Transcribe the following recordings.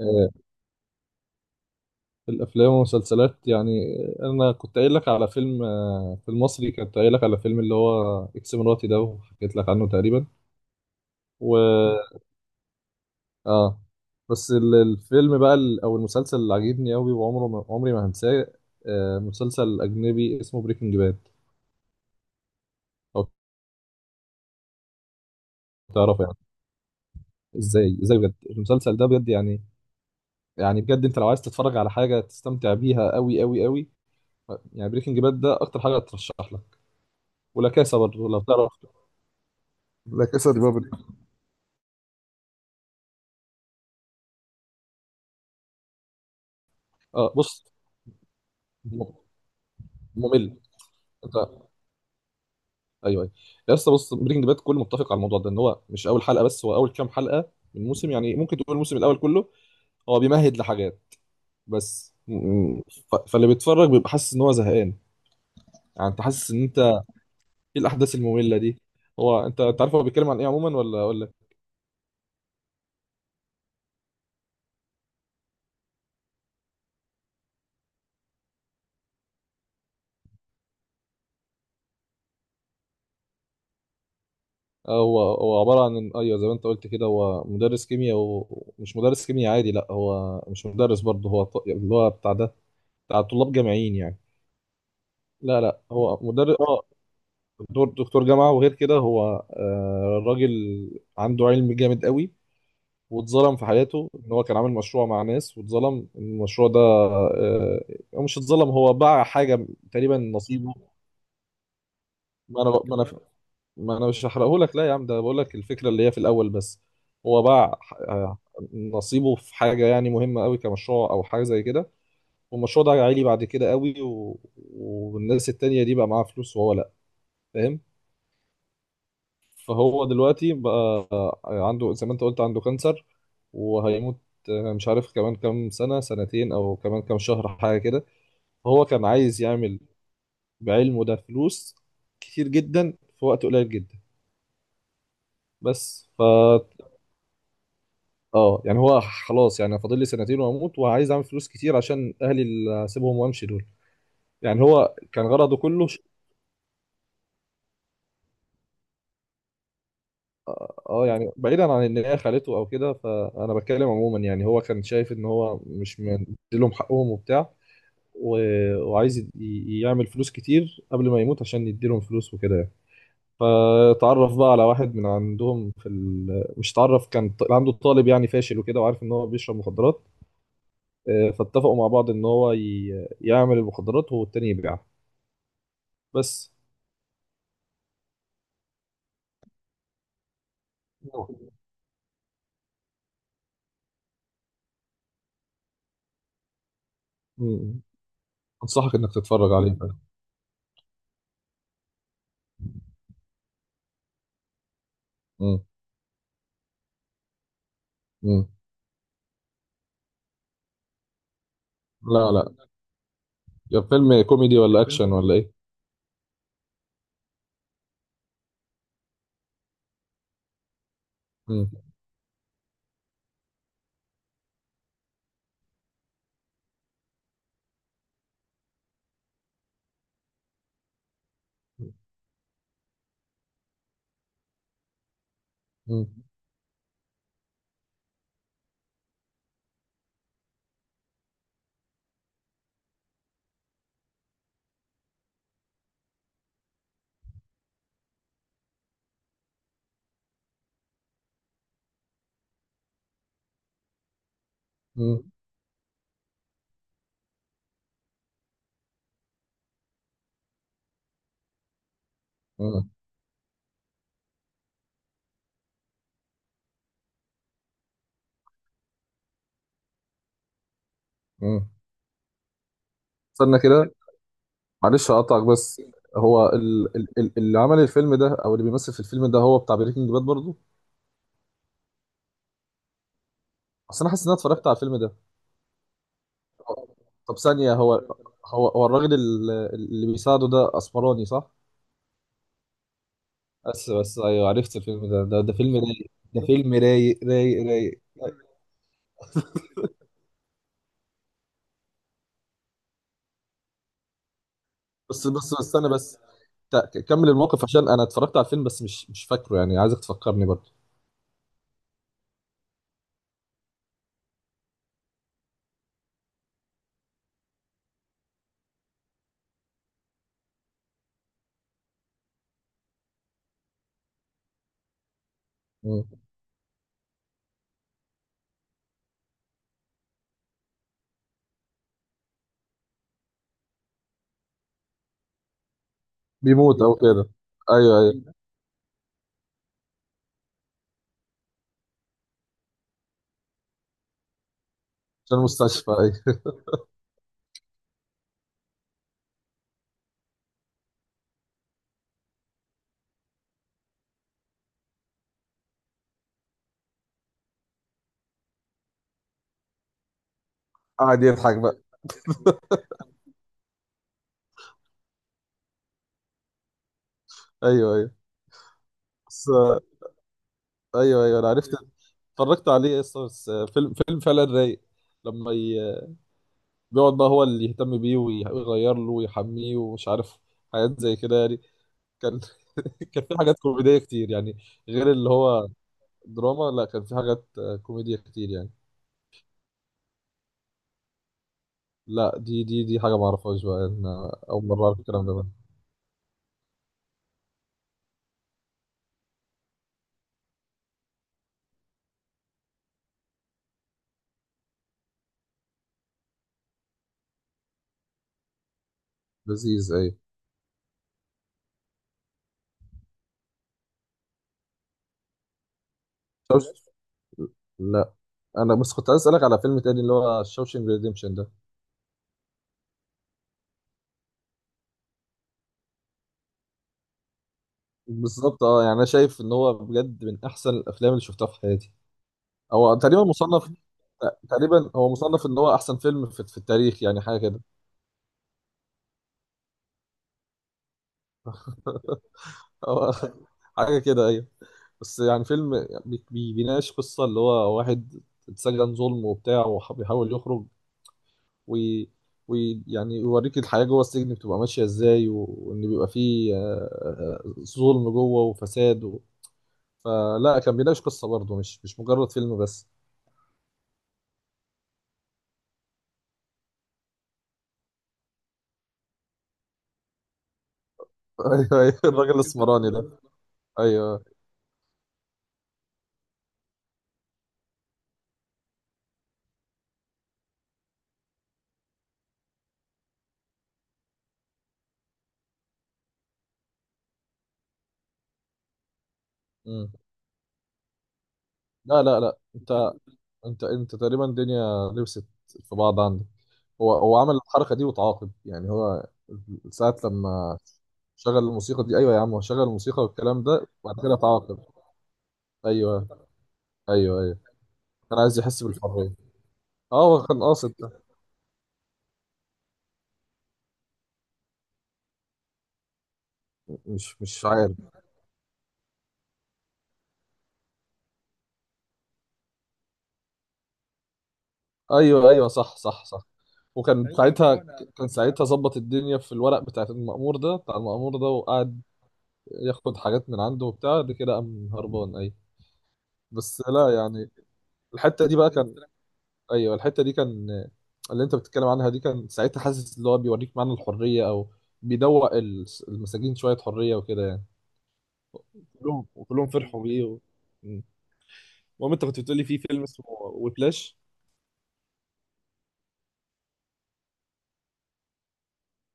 آه، في الافلام والمسلسلات يعني. انا كنت قايل لك على فيلم، في المصري، كنت قايل لك على فيلم اللي هو اكس مراتي ده، وحكيت لك عنه تقريبا. و اه بس الفيلم بقى او المسلسل اللي عجبني قوي وعمره ما عمري ما هنساه، مسلسل اجنبي اسمه بريكنج باد. او تعرفه يعني؟ ازاي بجد المسلسل ده بجد يعني. يعني بجد انت لو عايز تتفرج على حاجه تستمتع بيها قوي قوي قوي، يعني بريكنج باد ده اكتر حاجه ترشح لك. ولا كاسه برضه لو تعرف، لا كاسا دي بابل. اه بص، م- ممل، انت؟ ايوه، ايوه يا اسطى. بص، بريكنج باد كله متفق على الموضوع ده، ان هو مش اول حلقه بس، هو اول كام حلقه من الموسم، يعني ممكن تقول الموسم الاول كله هو بيمهد لحاجات. بس م- م- ف- فاللي بيتفرج بيبقى حاسس ان هو زهقان، يعني انت حاسس ان انت ايه، الاحداث الممله دي. هو انت، انت عارف هو بيتكلم عن ايه عموما ولا اقول لك؟ هو عباره عن، ايوه زي ما انت قلت كده، هو مدرس كيمياء، ومش مدرس كيمياء عادي. لا هو مش مدرس برضه، هو ط- اللي هو بتاع ده، بتاع طلاب جامعيين يعني. لا لا هو مدرس، اه دكتور جامعة. وغير كده هو، الراجل عنده علم جامد قوي. واتظلم في حياته، ان هو كان عامل مشروع مع ناس، واتظلم إن المشروع ده هو مش اتظلم، هو باع حاجة تقريبا نصيبه. ما انا ما انا مش هحرقه لك، لا يا عم، ده بقول لك الفكرة اللي هي في الاول بس. هو باع آه، نصيبه في حاجة يعني مهمة قوي، كمشروع او حاجة زي كده، والمشروع ده عالي بعد كده قوي و... والناس التانية دي بقى معاها فلوس وهو لا، فاهم؟ فهو دلوقتي بقى عنده، زي ما انت قلت، عنده كانسر وهيموت، مش عارف كمان كام سنة، سنتين أو كمان كام شهر، حاجة كده. هو كان عايز يعمل بعلمه ده فلوس كتير جدا في وقت قليل جدا. بس ف اه يعني هو خلاص، يعني فاضل لي سنتين واموت، وعايز اعمل فلوس كتير عشان اهلي اللي هسيبهم وامشي، دول يعني هو كان غرضه كله. اه يعني بعيدا عن ان هي خالته او كده، فانا بتكلم عموما، يعني هو كان شايف ان هو مش مديلهم حقهم وبتاع، وعايز يعمل فلوس كتير قبل ما يموت عشان يديلهم فلوس وكده يعني. فتعرف بقى على واحد من عندهم في ال... مش تعرف، كان ط- عنده طالب يعني فاشل وكده، وعارف ان هو بيشرب مخدرات، فاتفقوا مع بعض ان هو ي... يعمل المخدرات والتاني يبيعها. بس. مم. انصحك انك تتفرج عليه بقى. مم. مم. لا لا. يا فيلم كوميدي ولا اكشن ولا ايه؟ مم. مم. مم. مم. مم. استنى كده، معلش اقطعك بس، هو اللي عمل الفيلم ده او اللي بيمثل في الفيلم ده هو بتاع بريكنج باد برضه؟ اصل انا حاسس ان انا اتفرجت على الفيلم ده. طب ثانيه، هو الراجل اللي بيساعده ده اسمراني صح؟ بس بس ايوه، عرفت الفيلم ده، ده، ده فيلم رايق، ده فيلم رايق رايق رايق. بس بس بس استنى بس، كمل الموقف عشان انا اتفرجت على الفيلم بس مش مش فاكره، يعني عايزك تفكرني برضه. مم. بيموت او كده؟ ايوه ايوه. عشان المستشفى، ايوه. قاعد يضحك بقى. ايوه ايوه. بس ايوه ايوه انا عرفت، اتفرجت عليه اصلا، بس فيلم فيلم فعلا رايق. لما ي... بيقعد بقى هو اللي يهتم بيه ويغير له ويحميه ومش عارف، حاجات زي كده يعني. كان كان في حاجات كوميدية كتير يعني، غير اللي هو دراما. لا كان في حاجات كوميدية كتير يعني. لا، دي دي دي حاجة ما اعرفهاش بقى، انا اول مرة اعرف الكلام ده. لذيذ، ايوه. شوش... لا، انا بس كنت عايز اسالك على فيلم تاني، اللي هو شوشنج ريديمشن ده. بالظبط، اه يعني انا شايف ان هو بجد من احسن الافلام اللي شفتها في حياتي. هو تقريبا مصنف، تقريبا هو مصنف ان هو احسن فيلم في، في التاريخ، يعني حاجه كده. هو حاجه كده، ايوه. بس يعني فيلم بيناقش قصه، اللي هو واحد اتسجن ظلم وبتاع وبيحاول يخرج ويعني، يعني يوريك الحياه جوه السجن بتبقى ماشيه ازاي، وان بيبقى فيه ظلم جوه وفساد و... فلا، كان بيناقش قصه برضه، مش مش مجرد فيلم بس. ايوه ايوه، الراجل الاسمراني ده. ايوه. مم. لا لا لا انت، انت انت تقريبا الدنيا لبست في بعض عندك. هو عمل الحركه دي وتعاقب يعني، هو ساعه لما شغل الموسيقى دي؟ ايوه يا عم، هو شغل الموسيقى والكلام ده، وبعد كده تعاقب. ايوه ايوه ايوه. كان عايز يحس بالحريه. اه هو كان قاصد ده. مش مش عارف. ايوه ايوه صح صح صح. وكان ساعتها، كان ساعتها ظبط الدنيا في الورق بتاع المأمور ده، بتاع المأمور ده، وقعد ياخد حاجات من عنده وبتاع ده، كده قام هربان، ايوه. بس لا يعني، الحته دي بقى كان، ايوه الحته دي كان، اللي انت بتتكلم عنها دي، كان ساعتها حاسس اللي هو بيوريك معنى الحريه، او بيدوق المساجين شويه حريه وكده يعني. كلهم وكلهم فرحوا بيه و... مم. المهم انت كنت بتقولي في فيلم اسمه ويبلاش.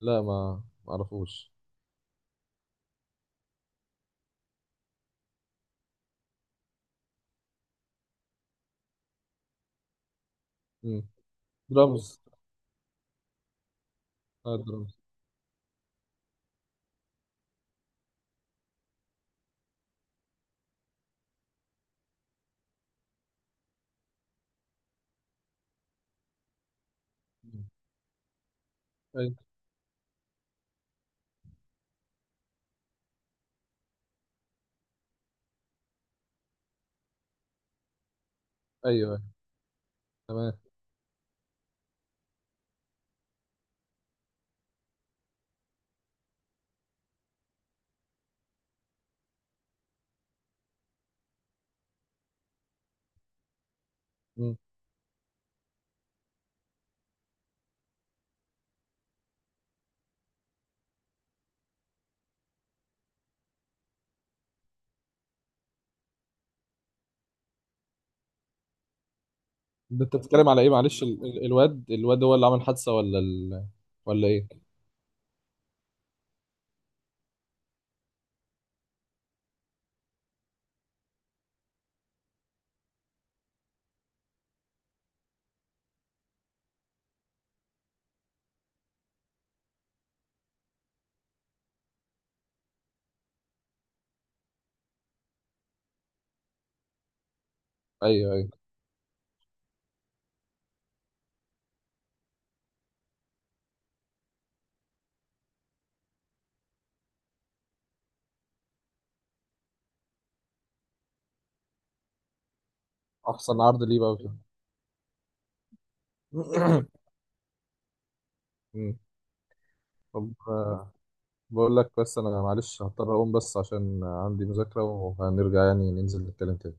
لا، ما ما اعرفوش. مم. درامز، اه درامز. مم. ايوه ايوه. تمام. مم. ده انت بتتكلم على ايه؟ معلش ال... الواد، الواد هو اللي عمل حادثه ولا ال...، ولا ايه؟ ايوه ايوه. احسن عرض ليه بقى وكده. مم. طب بقول لك، بس انا معلش هضطر اقوم، بس عشان عندي مذاكرة، وهنرجع يعني ننزل نتكلم تاني.